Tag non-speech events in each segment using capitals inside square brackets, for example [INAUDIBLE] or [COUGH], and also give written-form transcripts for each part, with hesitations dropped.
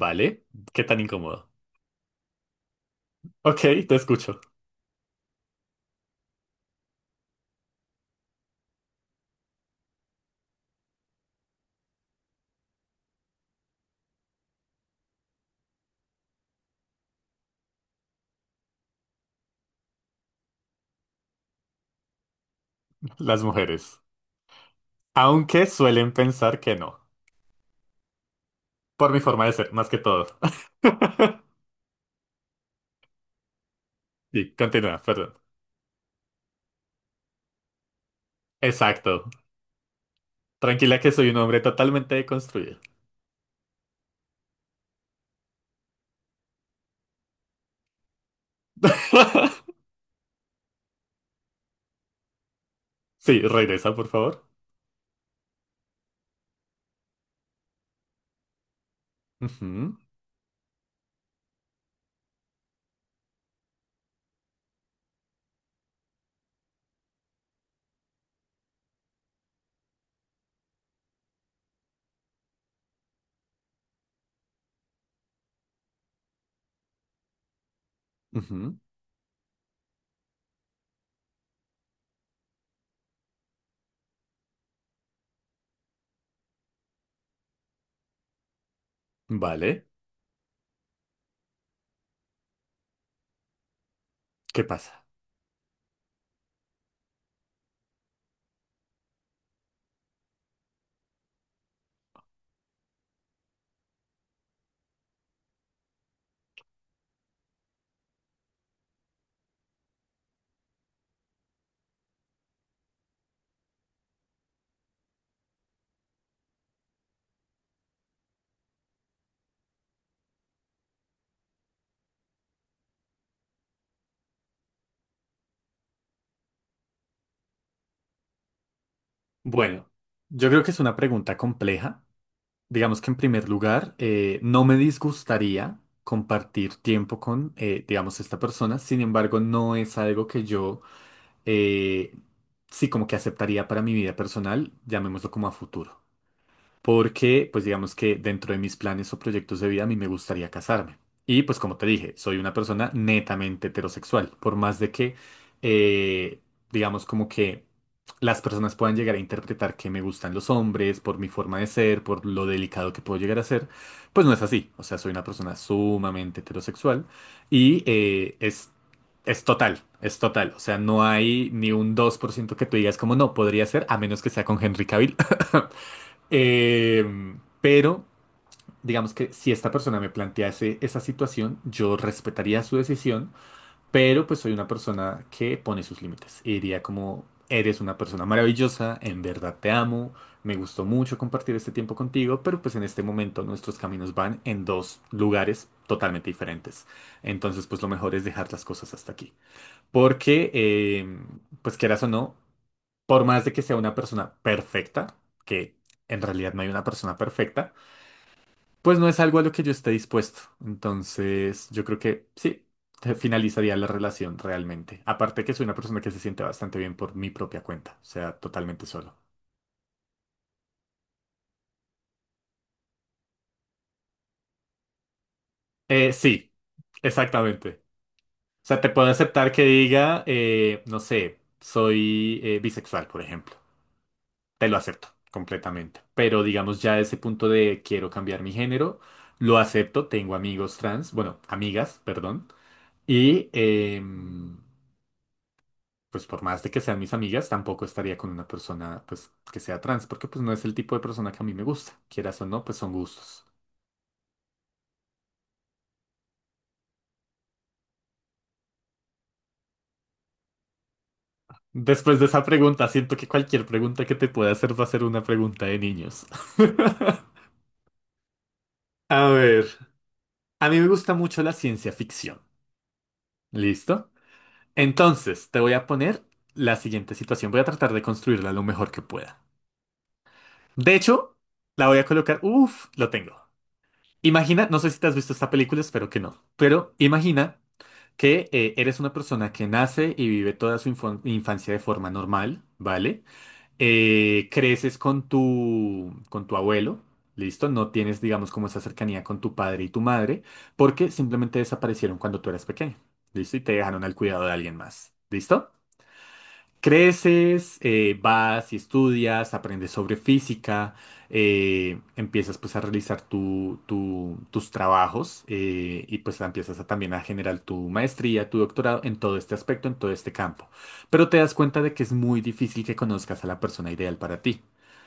Vale, qué tan incómodo. Ok, te escucho. Las mujeres. Aunque suelen pensar que no. Por mi forma de ser, más que todo. [LAUGHS] Sí, continúa, perdón. Exacto. Tranquila que soy un hombre totalmente deconstruido. [LAUGHS] Sí, regresa, por favor. Ujú, ujú. Vale, ¿qué pasa? Bueno, yo creo que es una pregunta compleja. Digamos que en primer lugar, no me disgustaría compartir tiempo con, digamos, esta persona. Sin embargo, no es algo que yo, eh, sí, como que aceptaría para mi vida personal, llamémoslo como a futuro porque pues digamos que dentro de mis planes o proyectos de vida a mí me gustaría casarme. Y pues como te dije, soy una persona netamente heterosexual, por más de que eh, digamos como que las personas puedan llegar a interpretar que me gustan los hombres por mi forma de ser, por lo delicado que puedo llegar a ser, pues no es así. O sea, soy una persona sumamente heterosexual y es... Es total, es total. O sea, no hay ni un 2% que tú digas como no, podría ser, a menos que sea con Henry Cavill. Pero digamos que si esta persona me plantease esa situación, yo respetaría su decisión, pero pues soy una persona que pone sus límites. Y diría como, eres una persona maravillosa, en verdad te amo, me gustó mucho compartir este tiempo contigo, pero pues en este momento nuestros caminos van en dos lugares totalmente diferentes. Entonces pues lo mejor es dejar las cosas hasta aquí. Porque, em, pues quieras o no, por más de que sea una persona perfecta, que en realidad no hay una persona perfecta, pues no es algo a lo que yo esté dispuesto. Entonces, yo creo que sí, te finalizaría la relación realmente. Aparte que soy una persona que se siente bastante bien por mi propia cuenta, o sea, totalmente solo. Sí, exactamente. O sea, te puedo aceptar que diga, no sé, soy bisexual, por ejemplo. Te lo acepto completamente. Pero digamos ya ese punto de quiero cambiar mi género, lo acepto, tengo amigos trans, bueno, amigas, perdón. Y pues por más de que sean mis amigas, tampoco estaría con una persona pues que sea trans, porque pues no es el tipo de persona que a mí me gusta. Quieras o no, pues son gustos. Después de esa pregunta, siento que cualquier pregunta que te pueda hacer va a ser una pregunta de niños. [LAUGHS] A ver, a mí me gusta mucho la ciencia ficción. ¿Listo? Entonces, te voy a poner la siguiente situación. Voy a tratar de construirla lo mejor que pueda. De hecho, la voy a colocar. Uf, lo tengo. Imagina, no sé si te has visto esta película, espero que no, pero imagina que eres una persona que nace y vive toda su infancia de forma normal, ¿vale? Creces con tu abuelo, ¿listo? No tienes, digamos, como esa cercanía con tu padre y tu madre, porque simplemente desaparecieron cuando tú eras pequeño, ¿listo? Y te dejaron al cuidado de alguien más, ¿listo? Creces, vas y estudias, aprendes sobre física, empiezas pues a realizar tus trabajos y pues empiezas a, también a generar tu maestría, tu doctorado en todo este aspecto, en todo este campo. Pero te das cuenta de que es muy difícil que conozcas a la persona ideal para ti.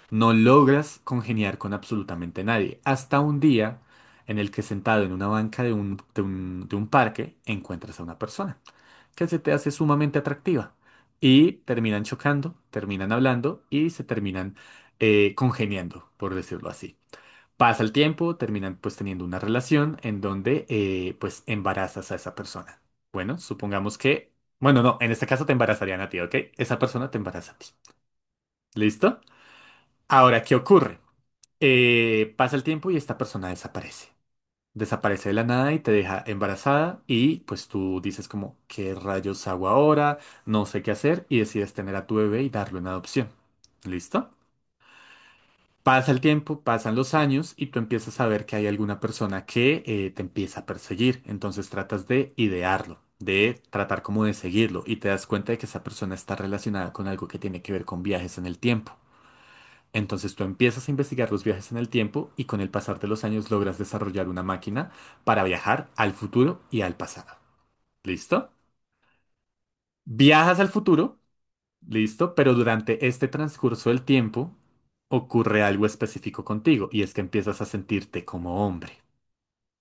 No logras congeniar con absolutamente nadie. Hasta un día en el que sentado en una banca de un parque encuentras a una persona que se te hace sumamente atractiva. Y terminan chocando, terminan hablando y se terminan congeniando, por decirlo así. Pasa el tiempo, terminan pues teniendo una relación en donde pues embarazas a esa persona. Bueno, supongamos que, bueno, no, en este caso te embarazarían a ti, ¿ok? Esa persona te embaraza a ti. ¿Listo? Ahora, ¿qué ocurre? Pasa el tiempo y esta persona desaparece de la nada y te deja embarazada y pues tú dices como, ¿qué rayos hago ahora? No sé qué hacer y decides tener a tu bebé y darlo en adopción. ¿Listo? Pasa el tiempo, pasan los años y tú empiezas a ver que hay alguna persona que te empieza a perseguir. Entonces tratas de idearlo, de tratar como de seguirlo y te das cuenta de que esa persona está relacionada con algo que tiene que ver con viajes en el tiempo. Entonces tú empiezas a investigar los viajes en el tiempo y con el pasar de los años logras desarrollar una máquina para viajar al futuro y al pasado. ¿Listo? Viajas al futuro, listo, pero durante este transcurso del tiempo ocurre algo específico contigo y es que empiezas a sentirte como hombre.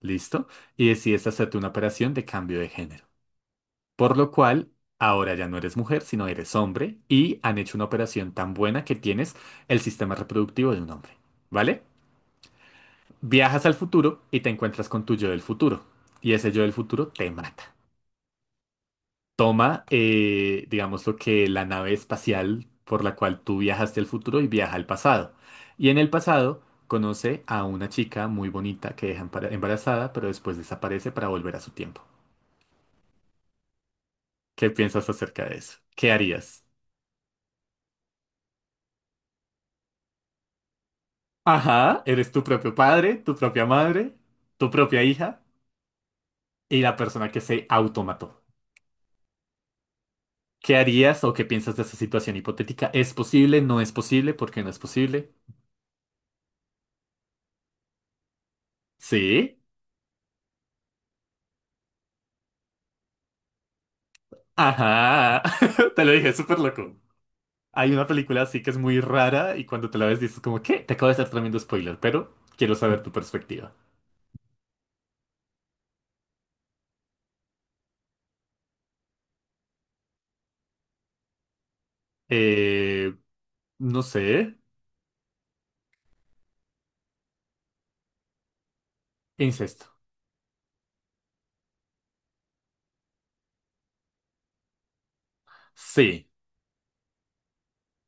¿Listo? Y decides hacerte una operación de cambio de género. Por lo cual, ahora ya no eres mujer, sino eres hombre y han hecho una operación tan buena que tienes el sistema reproductivo de un hombre. ¿Vale? Viajas al futuro y te encuentras con tu yo del futuro. Y ese yo del futuro te mata. Toma, digamos, lo que la nave espacial por la cual tú viajaste al futuro y viaja al pasado. Y en el pasado conoce a una chica muy bonita que deja embarazada, pero después desaparece para volver a su tiempo. ¿Qué piensas acerca de eso? ¿Qué harías? Ajá, eres tu propio padre, tu propia madre, tu propia hija y la persona que se automató. ¿Qué harías o qué piensas de esa situación hipotética? ¿Es posible? ¿No es posible? ¿Por qué no es posible? ¿Sí? Ajá. [LAUGHS] Te lo dije, es súper loco. Hay una película así que es muy rara y cuando te la ves dices como, ¿qué? Te acabo de hacer tremendo spoiler, pero quiero saber tu perspectiva. Eh, no sé. Incesto. Sí.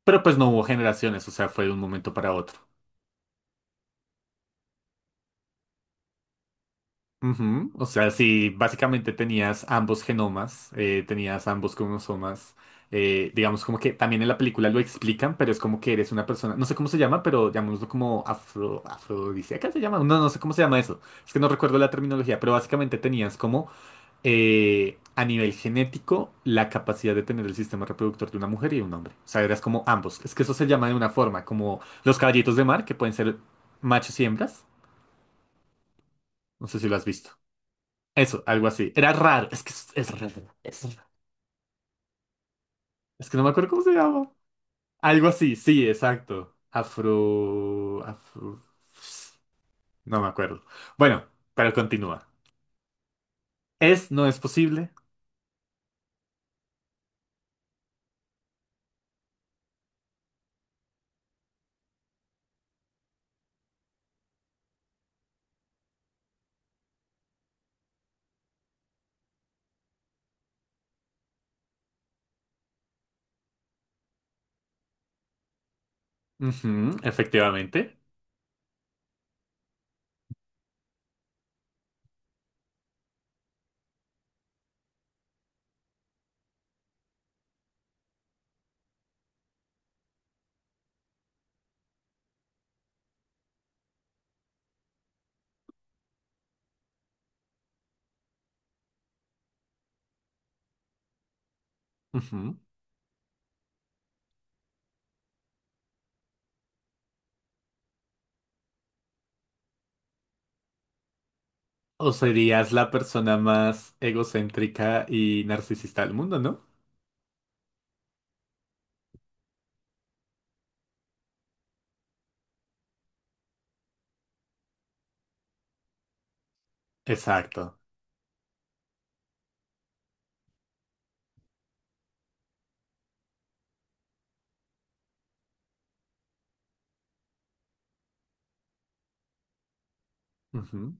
Pero pues no hubo generaciones, o sea, fue de un momento para otro. Ujú. O sea, si básicamente tenías ambos genomas, tenías ambos cromosomas, digamos como que también en la película lo explican, pero es como que eres una persona, no sé cómo se llama, pero llamémoslo como afro, afrodisíaca se llama, no, no sé cómo se llama eso, es que no recuerdo la terminología, pero básicamente tenías como a nivel genético la capacidad de tener el sistema reproductor de una mujer y de un hombre, o sea, eras como ambos, es que eso se llama de una forma, como los caballitos de mar, que pueden ser machos y hembras, no sé si lo has visto. Eso, algo así. Era raro, es que es raro, es raro. Es que no me acuerdo cómo se llama. Algo así, sí, exacto. Afro... Afro... No me acuerdo. Bueno, pero continúa. ¿Es, no es posible? Ujú, efectivamente. Ujú. O serías la persona más egocéntrica y narcisista del mundo, ¿no? Exacto. Ujú.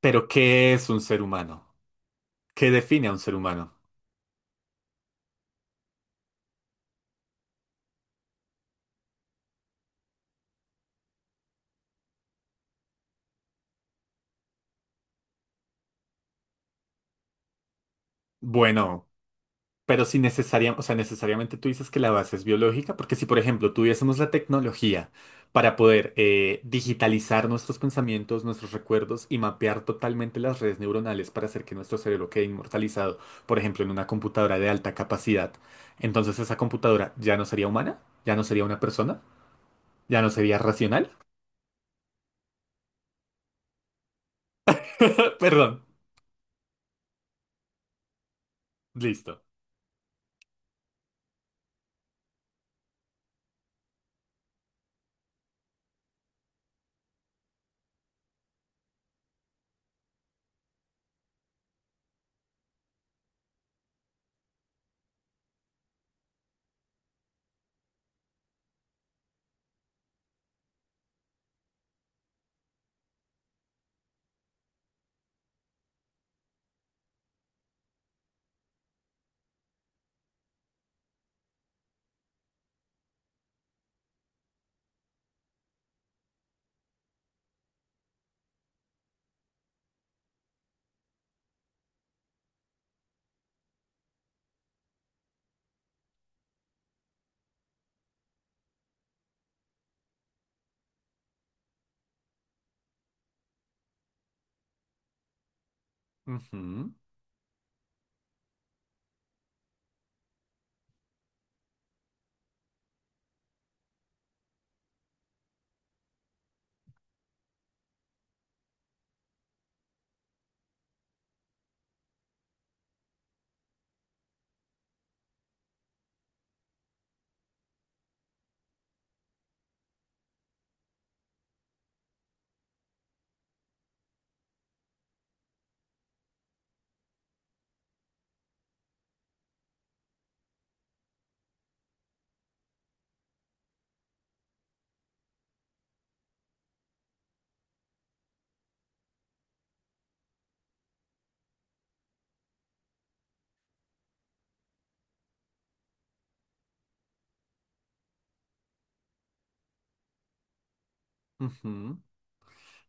Pero ¿qué es un ser humano? ¿Qué define a un ser humano? Bueno, pero si necesariamente, o sea, necesariamente tú dices que la base es biológica, porque si, por ejemplo, tuviésemos la tecnología para poder digitalizar nuestros pensamientos, nuestros recuerdos y mapear totalmente las redes neuronales para hacer que nuestro cerebro quede inmortalizado, por ejemplo, en una computadora de alta capacidad, entonces esa computadora ya no sería humana, ya no sería una persona, ya no sería racional. [LAUGHS] Perdón, listo. Ujú, ujú.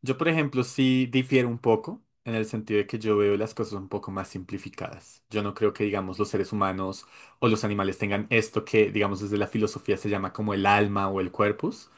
Yo, por ejemplo, sí difiero un poco en el sentido de que yo veo las cosas un poco más simplificadas. Yo no creo que, digamos, los seres humanos o los animales tengan esto que, digamos, desde la filosofía se llama como el alma o el corpus,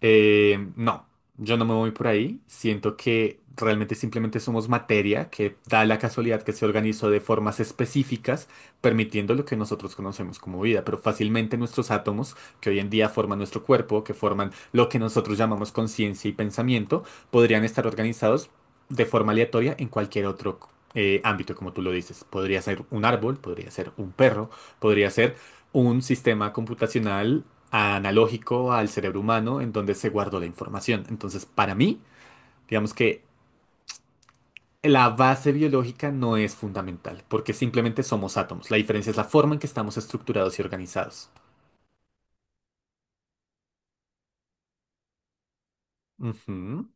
no, yo no me voy por ahí. Siento que realmente simplemente somos materia que da la casualidad que se organizó de formas específicas, permitiendo lo que nosotros conocemos como vida. Pero fácilmente nuestros átomos, que hoy en día forman nuestro cuerpo, que forman lo que nosotros llamamos conciencia y pensamiento, podrían estar organizados de forma aleatoria en cualquier otro ámbito, como tú lo dices. Podría ser un árbol, podría ser un perro, podría ser un sistema computacional analógico al cerebro humano en donde se guardó la información. Entonces, para mí, digamos que la base biológica no es fundamental, porque simplemente somos átomos. La diferencia es la forma en que estamos estructurados y organizados. Ujú.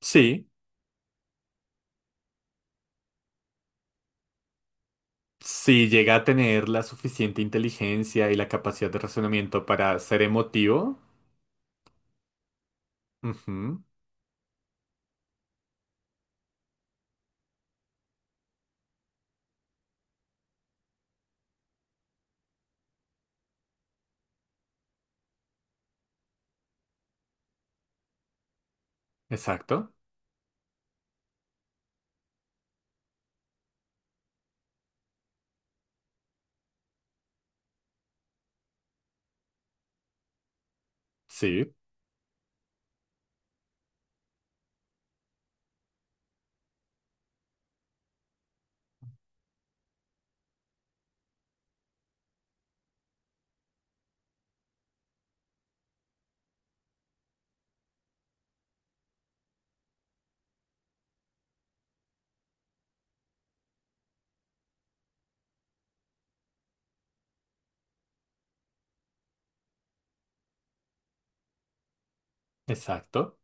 Sí, si llega a tener la suficiente inteligencia y la capacidad de razonamiento para ser emotivo. Ujú. Exacto. Sí, exacto.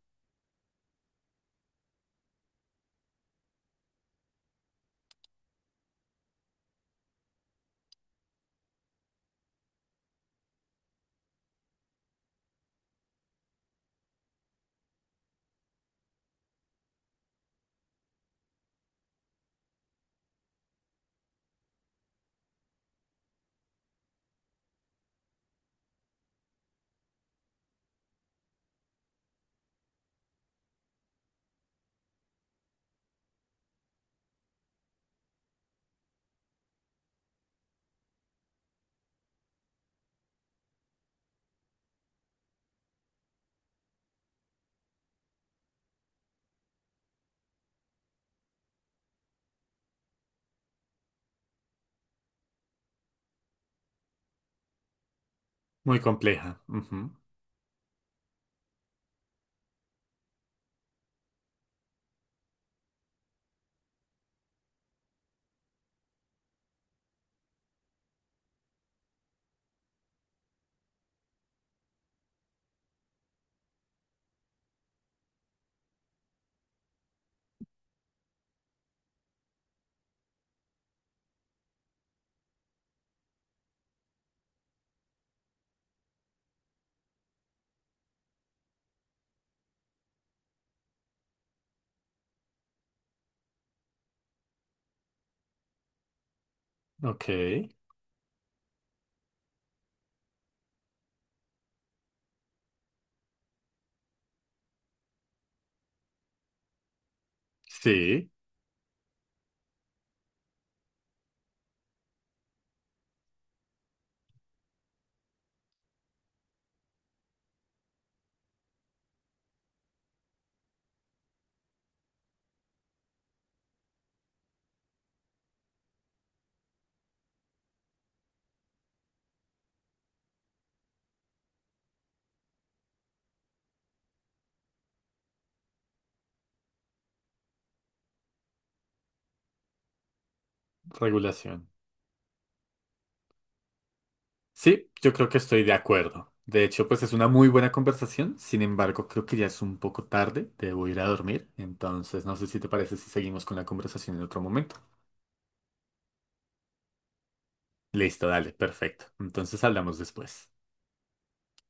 Muy compleja. Ujú. Ok. Sí, regulación. Sí, yo creo que estoy de acuerdo. De hecho, pues es una muy buena conversación. Sin embargo, creo que ya es un poco tarde. Debo ir a dormir. Entonces, no sé si te parece si seguimos con la conversación en otro momento. Listo, dale, perfecto. Entonces hablamos después.